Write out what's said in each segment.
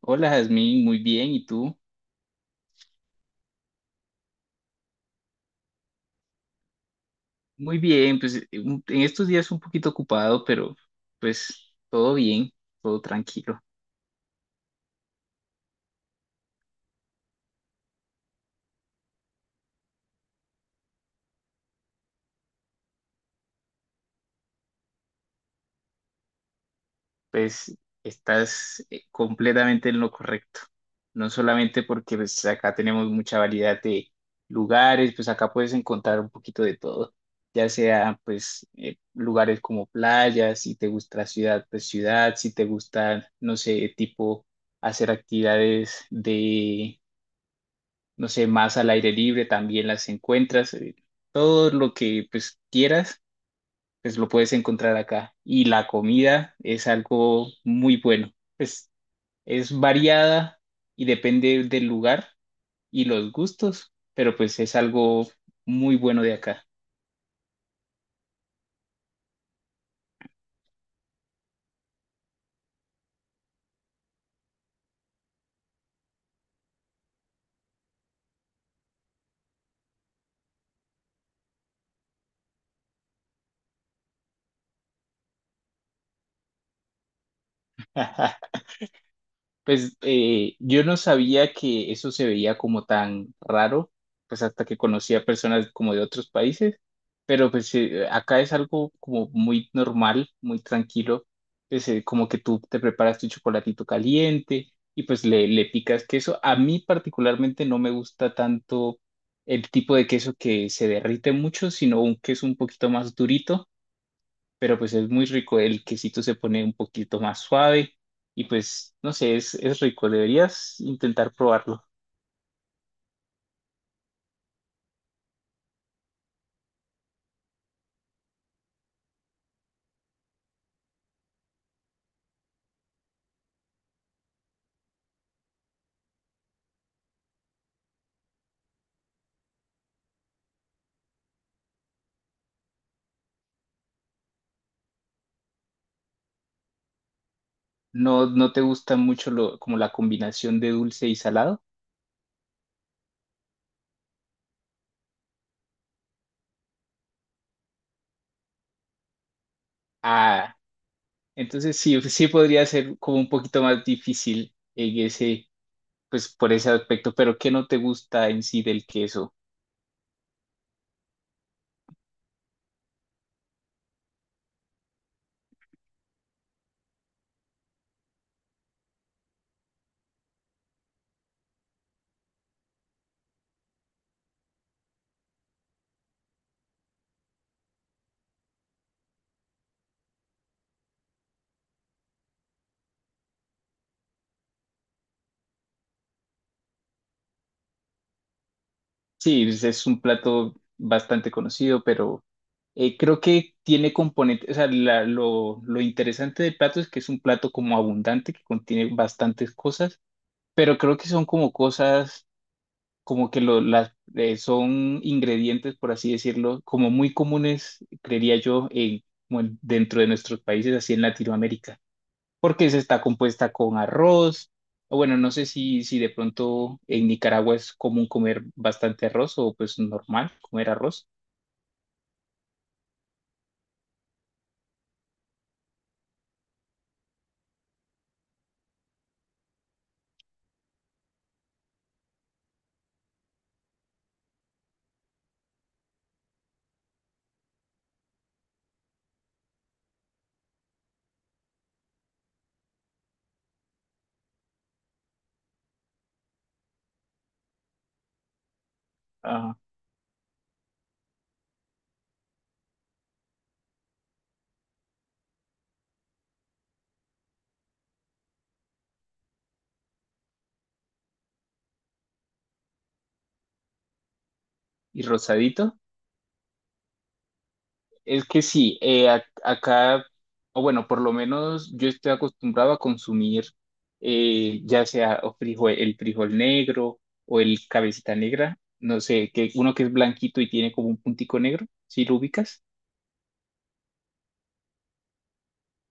Hola, Jazmín, muy bien, ¿y tú? Muy bien, pues en estos días un poquito ocupado, pero pues todo bien, todo tranquilo. Pues estás completamente en lo correcto. No solamente porque pues, acá tenemos mucha variedad de lugares, pues acá puedes encontrar un poquito de todo, ya sea pues lugares como playas, si te gusta la ciudad, pues ciudad, si te gusta, no sé, tipo hacer actividades de no sé, más al aire libre también las encuentras. Todo lo que pues quieras, pues lo puedes encontrar acá. Y la comida es algo muy bueno. Pues es variada y depende del lugar y los gustos, pero pues es algo muy bueno de acá. Pues yo no sabía que eso se veía como tan raro, pues hasta que conocí a personas como de otros países, pero pues acá es algo como muy normal, muy tranquilo, pues como que tú te preparas tu chocolatito caliente y pues le picas queso. A mí particularmente no me gusta tanto el tipo de queso que se derrite mucho, sino un queso un poquito más durito, pero pues es muy rico, el quesito se pone un poquito más suave y pues no sé, es rico, deberías intentar probarlo. ¿No, no te gusta mucho lo, como la combinación de dulce y salado? Ah, entonces sí, pues, sí podría ser como un poquito más difícil en ese, pues por ese aspecto, pero ¿qué no te gusta en sí del queso? Sí, es un plato bastante conocido, pero creo que tiene componentes, o sea, lo interesante del plato es que es un plato como abundante, que contiene bastantes cosas, pero creo que son como cosas, como que son ingredientes, por así decirlo, como muy comunes, creería yo, como dentro de nuestros países, así en Latinoamérica, porque esa está compuesta con arroz. O bueno, no sé si de pronto en Nicaragua es común comer bastante arroz o pues normal comer arroz. Ah, y rosadito. Es que sí, acá, o bueno, por lo menos yo estoy acostumbrado a consumir ya sea o frijol, el frijol negro o el cabecita negra, no sé, que uno que es blanquito y tiene como un puntico negro, si lo ubicas.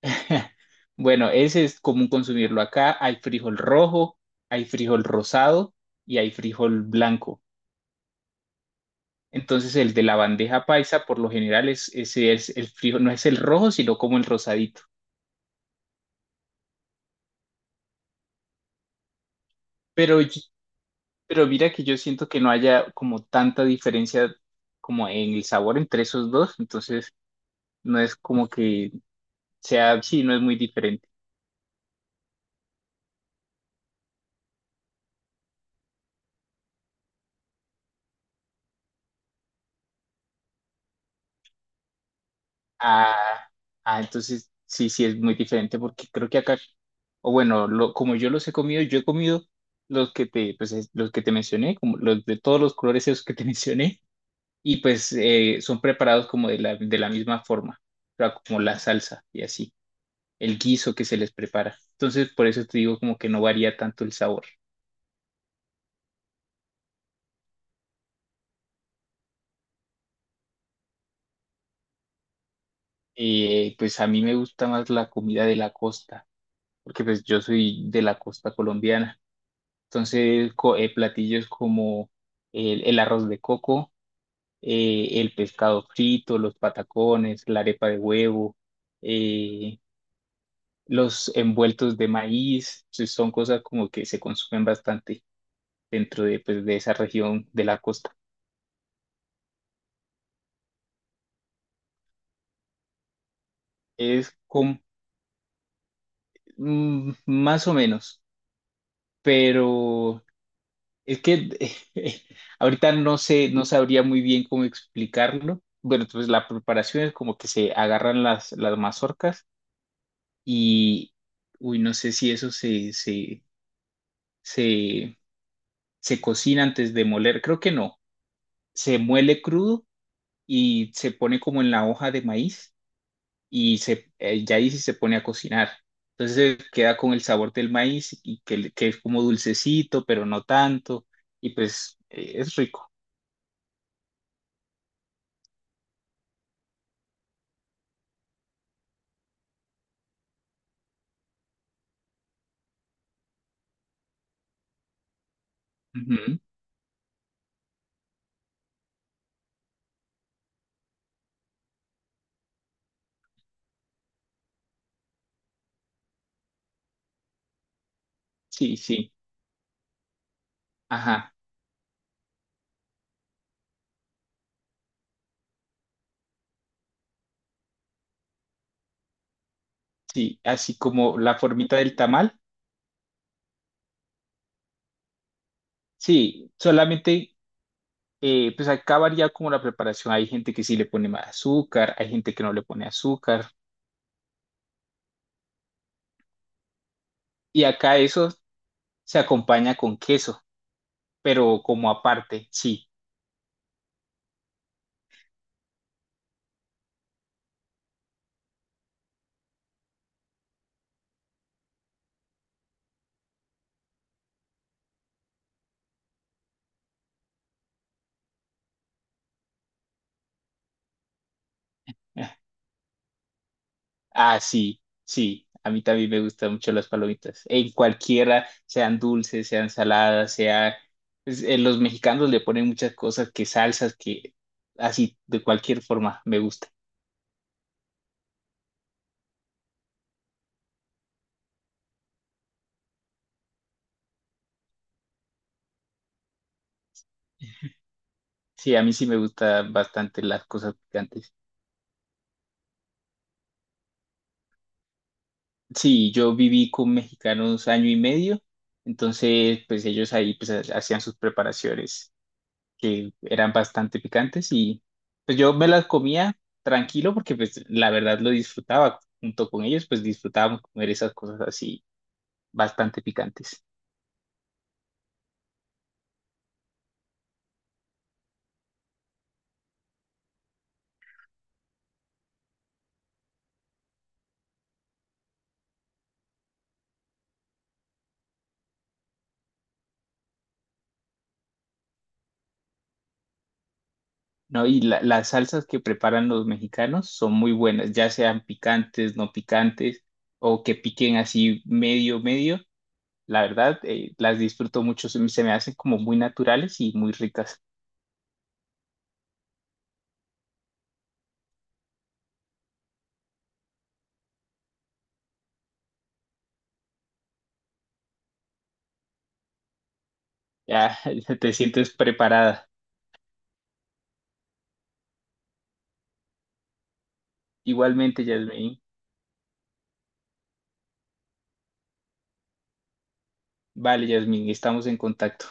Bueno, ese es común consumirlo acá. Hay frijol rojo, hay frijol rosado y hay frijol blanco. Entonces el de la bandeja paisa por lo general es, ese es el frijol, no es el rojo, sino como el rosadito. Pero, pero mira que yo siento que no haya como tanta diferencia como en el sabor entre esos dos, entonces no es como que sea, sí, no es muy diferente. Ah, ah, entonces sí, sí es muy diferente porque creo que acá, o bueno, como yo los he comido, yo he comido los que te, pues, los que te mencioné, como los de todos los colores esos que te mencioné, y pues son preparados como de de la misma forma, o sea, como la salsa y así, el guiso que se les prepara. Entonces, por eso te digo como que no varía tanto el sabor. Pues a mí me gusta más la comida de la costa, porque pues yo soy de la costa colombiana. Entonces, platillos como el arroz de coco, el pescado frito, los patacones, la arepa de huevo, eh, los envueltos de maíz, pues, son cosas como que se consumen bastante dentro de, pues, de esa región de la costa. Es com- mm, más o menos, pero es que ahorita no sé, no sabría muy bien cómo explicarlo. Bueno, entonces la preparación es como que se agarran las mazorcas y, uy, no sé si eso se, se cocina antes de moler, creo que no, se muele crudo y se pone como en la hoja de maíz y ya ahí sí se pone a cocinar. Entonces queda con el sabor del maíz y que, que es como dulcecito, pero no tanto, y pues es rico. Ujú. Sí, sí, ajá, sí, así como la formita del tamal. Sí, solamente pues acá varía como la preparación. Hay gente que sí le pone más azúcar, hay gente que no le pone azúcar. Y acá eso se acompaña con queso, pero como aparte, sí. Ah, sí, sí. A mí también me gustan mucho las palomitas. En cualquiera, sean dulces, sean saladas, sea… pues, los mexicanos le ponen muchas cosas, que salsas, que así, de cualquier forma, me gusta. Sí, a mí sí me gustan bastante las cosas picantes. Sí, yo viví con mexicanos año y medio, entonces pues ellos ahí pues hacían sus preparaciones que eran bastante picantes y pues yo me las comía tranquilo porque pues la verdad lo disfrutaba junto con ellos, pues disfrutábamos comer esas cosas así bastante picantes, ¿no? Y las salsas que preparan los mexicanos son muy buenas, ya sean picantes, no picantes o que piquen así medio, medio. La verdad, las disfruto mucho, se me hacen como muy naturales y muy ricas. Ya te sientes preparada. Igualmente, Yasmin. Vale, Yasmin, estamos en contacto.